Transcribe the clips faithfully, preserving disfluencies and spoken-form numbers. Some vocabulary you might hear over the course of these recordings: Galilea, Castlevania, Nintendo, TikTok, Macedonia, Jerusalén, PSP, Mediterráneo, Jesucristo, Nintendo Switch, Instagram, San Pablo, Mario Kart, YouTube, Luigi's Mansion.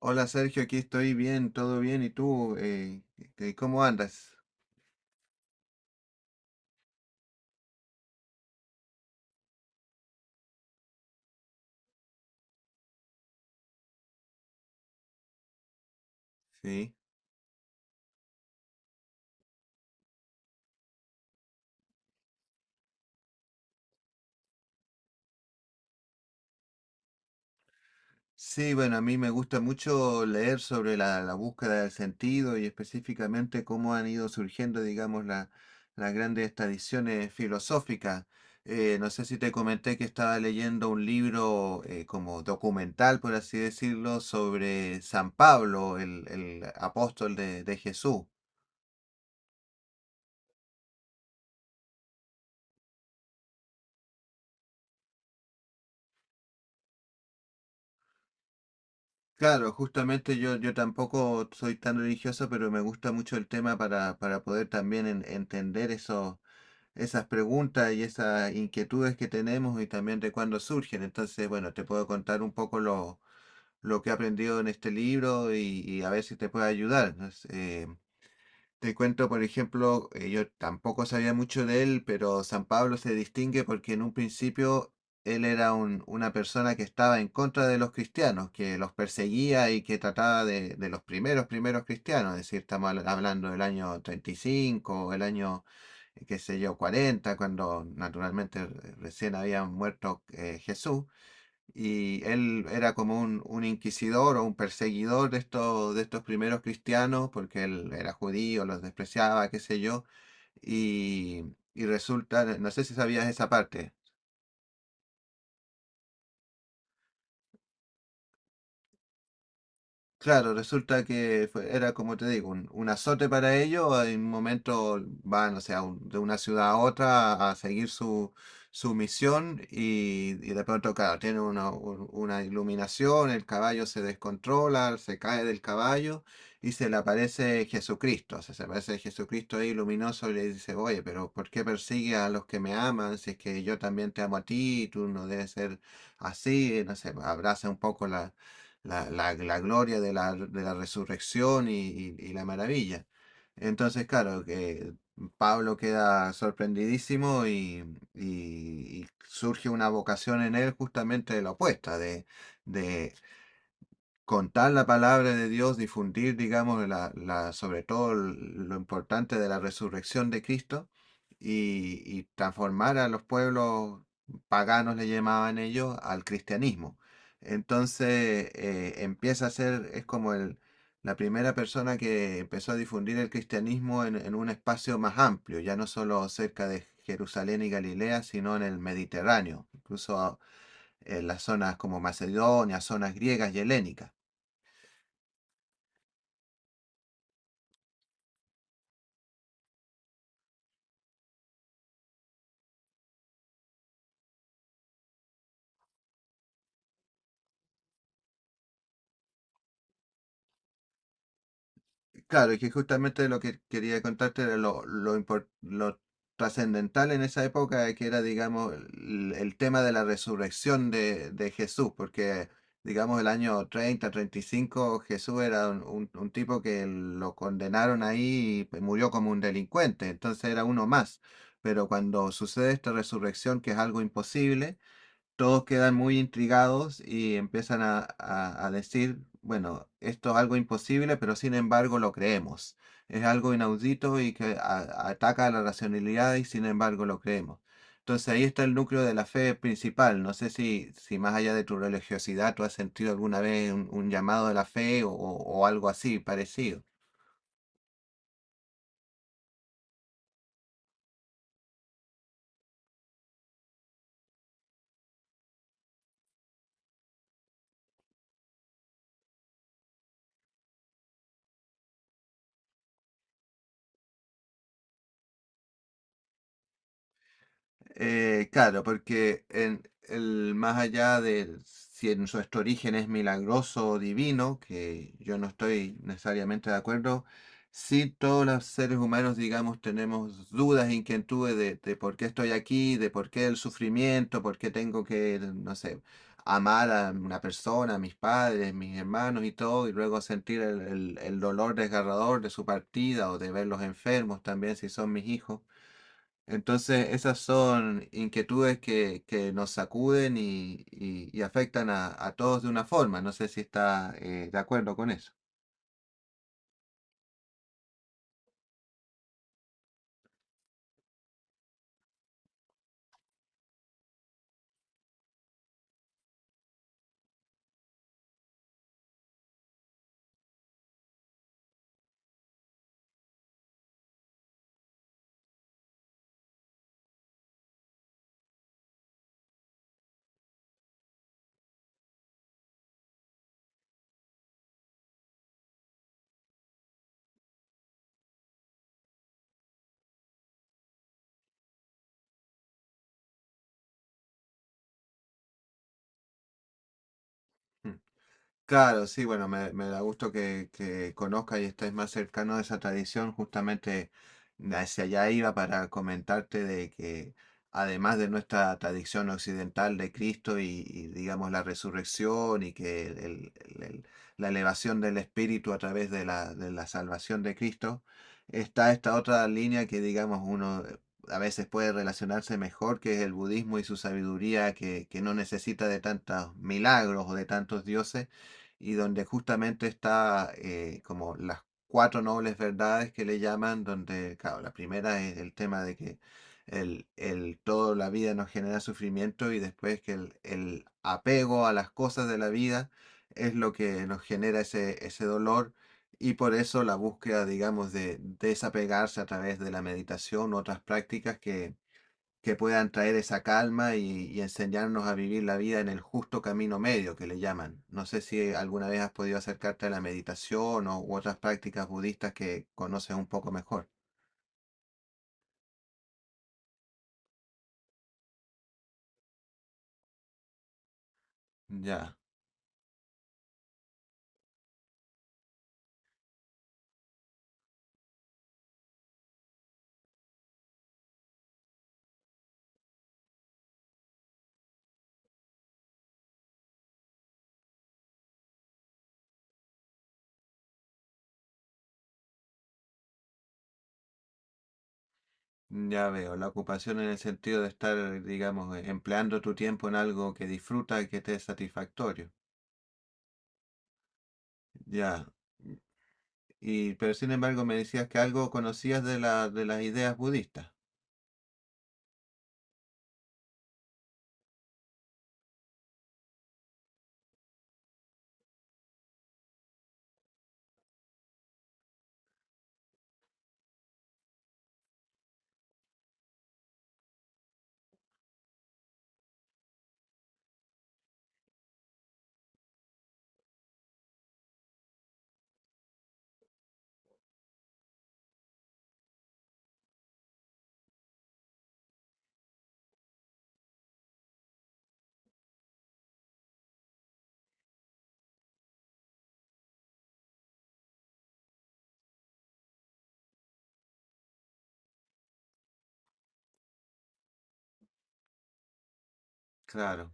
Hola Sergio, aquí estoy bien, todo bien. ¿Y tú? Eh, eh, ¿cómo andas? Sí, Sí, bueno, a mí me gusta mucho leer sobre la, la búsqueda del sentido y específicamente cómo han ido surgiendo, digamos, la- las grandes tradiciones filosóficas. Eh, no sé si te comenté que estaba leyendo un libro eh, como documental, por así decirlo, sobre San Pablo, el, el apóstol de de Jesús. Claro, justamente yo, yo tampoco soy tan religioso, pero me gusta mucho el tema para, para poder también en- entender esos, esas preguntas y esas inquietudes que tenemos y también de cuándo surgen. Entonces, bueno, te puedo contar un poco lo, lo que he aprendido en este libro y, y a ver si te puede ayudar, ¿no? Eh, te cuento, por ejemplo, eh, yo tampoco sabía mucho de él, pero San Pablo se distingue porque en un principio él era un- una persona que estaba en contra de los cristianos, que los perseguía y que trataba de, de los primeros, primeros cristianos, es decir, estamos habla- hablando del año treinta y cinco, o el año, eh, qué sé yo, cuarenta, cuando naturalmente eh, recién había muerto, eh, Jesús, y él era como un, un inquisidor o un perseguidor de estos, de estos primeros cristianos, porque él era judío, los despreciaba, qué sé yo, y, y resulta, no sé si sabías esa parte. Claro, resulta que fue- era como te digo, un, un azote para ellos. En un momento van, o sea, un- de una ciudad a otra a seguir su, su misión y, y de pronto, claro, tienen una, un- una iluminación, el caballo se descontrola, se cae del caballo y se le aparece Jesucristo. O sea, se aparece Jesucristo ahí luminoso y le dice, oye, pero ¿por qué persigue a los que me aman? Si es que yo también te amo a ti, tú no debes ser así, no sé, abraza un poco la la, la- la gloria de la, de la resurrección y, y- y la maravilla. Entonces, claro, que Pablo queda sorprendidísimo y, y- y surge una vocación en él justamente de la opuesta, de, de contar la palabra de Dios, difundir, digamos, la, la- sobre todo lo importante de la resurrección de Cristo y, y transformar a los pueblos paganos, le llamaban ellos, al cristianismo. Entonces, eh, empieza a ser, es como el, la primera persona que empezó a difundir el cristianismo en, en un espacio más amplio, ya no solo cerca de Jerusalén y Galilea, sino en el Mediterráneo, incluso en las zonas como Macedonia, zonas griegas y helénicas. Claro, y que justamente lo que quería contarte era lo, lo, impor- lo trascendental en esa época, eh, que era, digamos, el, el tema de la resurrección de, de Jesús, porque, digamos, el año treinta treinta y cinco Jesús era un, un- un tipo que lo condenaron ahí y murió como un delincuente, entonces era uno más. Pero cuando sucede esta resurrección, que es algo imposible, todos quedan muy intrigados y empiezan a, a- a decir, bueno, esto es algo imposible, pero sin embargo lo creemos. Es algo inaudito y que a- ataca a la racionalidad y sin embargo lo creemos. Entonces ahí está el núcleo de la fe principal. No sé si, si más allá de tu religiosidad tú has sentido alguna vez un, un llamado de la fe o, o algo así parecido. Eh, claro, porque en el, más allá de si en nuestro origen es milagroso o divino, que yo no estoy necesariamente de acuerdo, sí, todos los seres humanos, digamos, tenemos dudas, inquietudes de, de por qué estoy aquí, de por qué el sufrimiento, por qué tengo que, no sé, amar a una persona, a mis padres, mis hermanos y todo, y luego sentir el, el el dolor desgarrador de su partida o de verlos enfermos también si son mis hijos. Entonces, esas son inquietudes que, que nos sacuden y, y- y afectan a, a todos de una forma. No sé si está eh, de acuerdo con eso. Mm. Claro, sí, bueno, me, me da gusto que, que conozca y estés más cercano a esa tradición. Justamente hacia allá iba para comentarte de que además de nuestra tradición occidental de Cristo y, y, digamos, la resurrección y que el- el- el- la elevación del espíritu a través de la, de la salvación de Cristo, está esta otra línea que digamos uno, eh, a veces puede relacionarse mejor, que es el budismo y su sabiduría que, que no necesita de tantos milagros o de tantos dioses y donde justamente está, eh, como las cuatro nobles verdades que le llaman, donde, claro, la primera es el tema de que el, el toda la vida nos genera sufrimiento y después que el, el apego a las cosas de la vida es lo que nos genera ese, ese dolor y por eso la búsqueda, digamos, de desapegarse a través de la meditación u otras prácticas que que puedan traer esa calma y, y enseñarnos a vivir la vida en el justo camino medio que le llaman. No sé si alguna vez has podido acercarte a la meditación, o, u otras prácticas budistas que conoces un poco mejor. Ya, ya veo. La ocupación en el sentido de estar, digamos, eh, empleando tu tiempo en algo que disfruta y que te es satisfactorio. Ya. Y, pero sin embargo me decías que algo conocías de la, de las ideas budistas. Claro.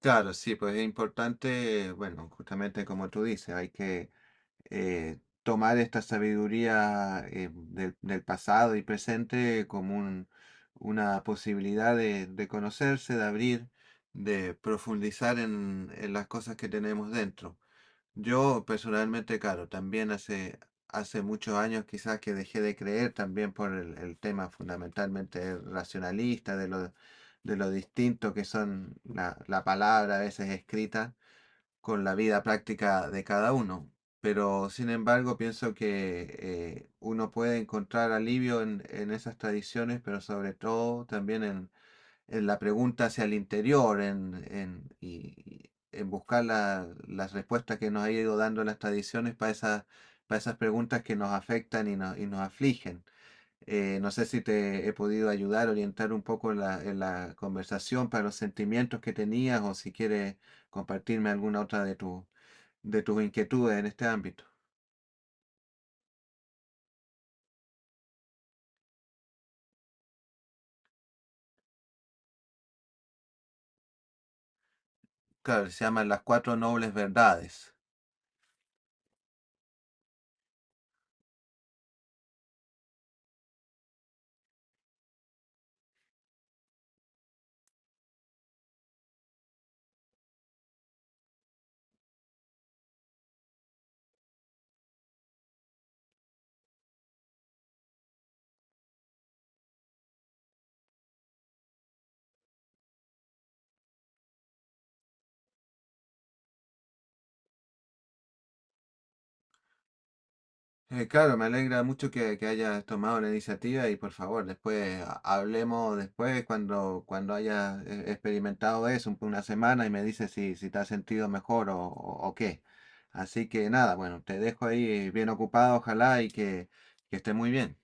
Claro, sí, pues es importante, bueno, justamente como tú dices, hay que eh, tomar esta sabiduría, eh, del, del pasado y presente como un- una posibilidad de, de conocerse, de abrir, de profundizar en, en las cosas que tenemos dentro. Yo personalmente, claro, también hace, hace muchos años quizás que dejé de creer también por el, el tema fundamentalmente racionalista, de lo, de lo distinto que son la, la palabra a veces escrita con la vida práctica de cada uno. Pero sin embargo, pienso que, eh, uno puede encontrar alivio en, en esas tradiciones, pero sobre todo también en, en la pregunta hacia el interior, en, en, y- en buscar la- las respuestas que nos ha ido dando las tradiciones para esas, para esas preguntas que nos afectan y nos, y nos afligen. Eh, no sé si te he podido ayudar, orientar un poco en la, en la conversación para los sentimientos que tenías o si quieres compartirme alguna otra de, tu, de tus inquietudes en este ámbito. Claro, se llaman las cuatro nobles verdades. Eh, claro, me alegra mucho que, que hayas tomado la iniciativa y por favor, después ha- hablemos después cuando, cuando, hayas, eh, experimentado eso un- una semana y me dices si, si te has sentido mejor o, o- o qué. Así que nada, bueno, te dejo ahí bien ocupado, ojalá y que, que, estés muy bien.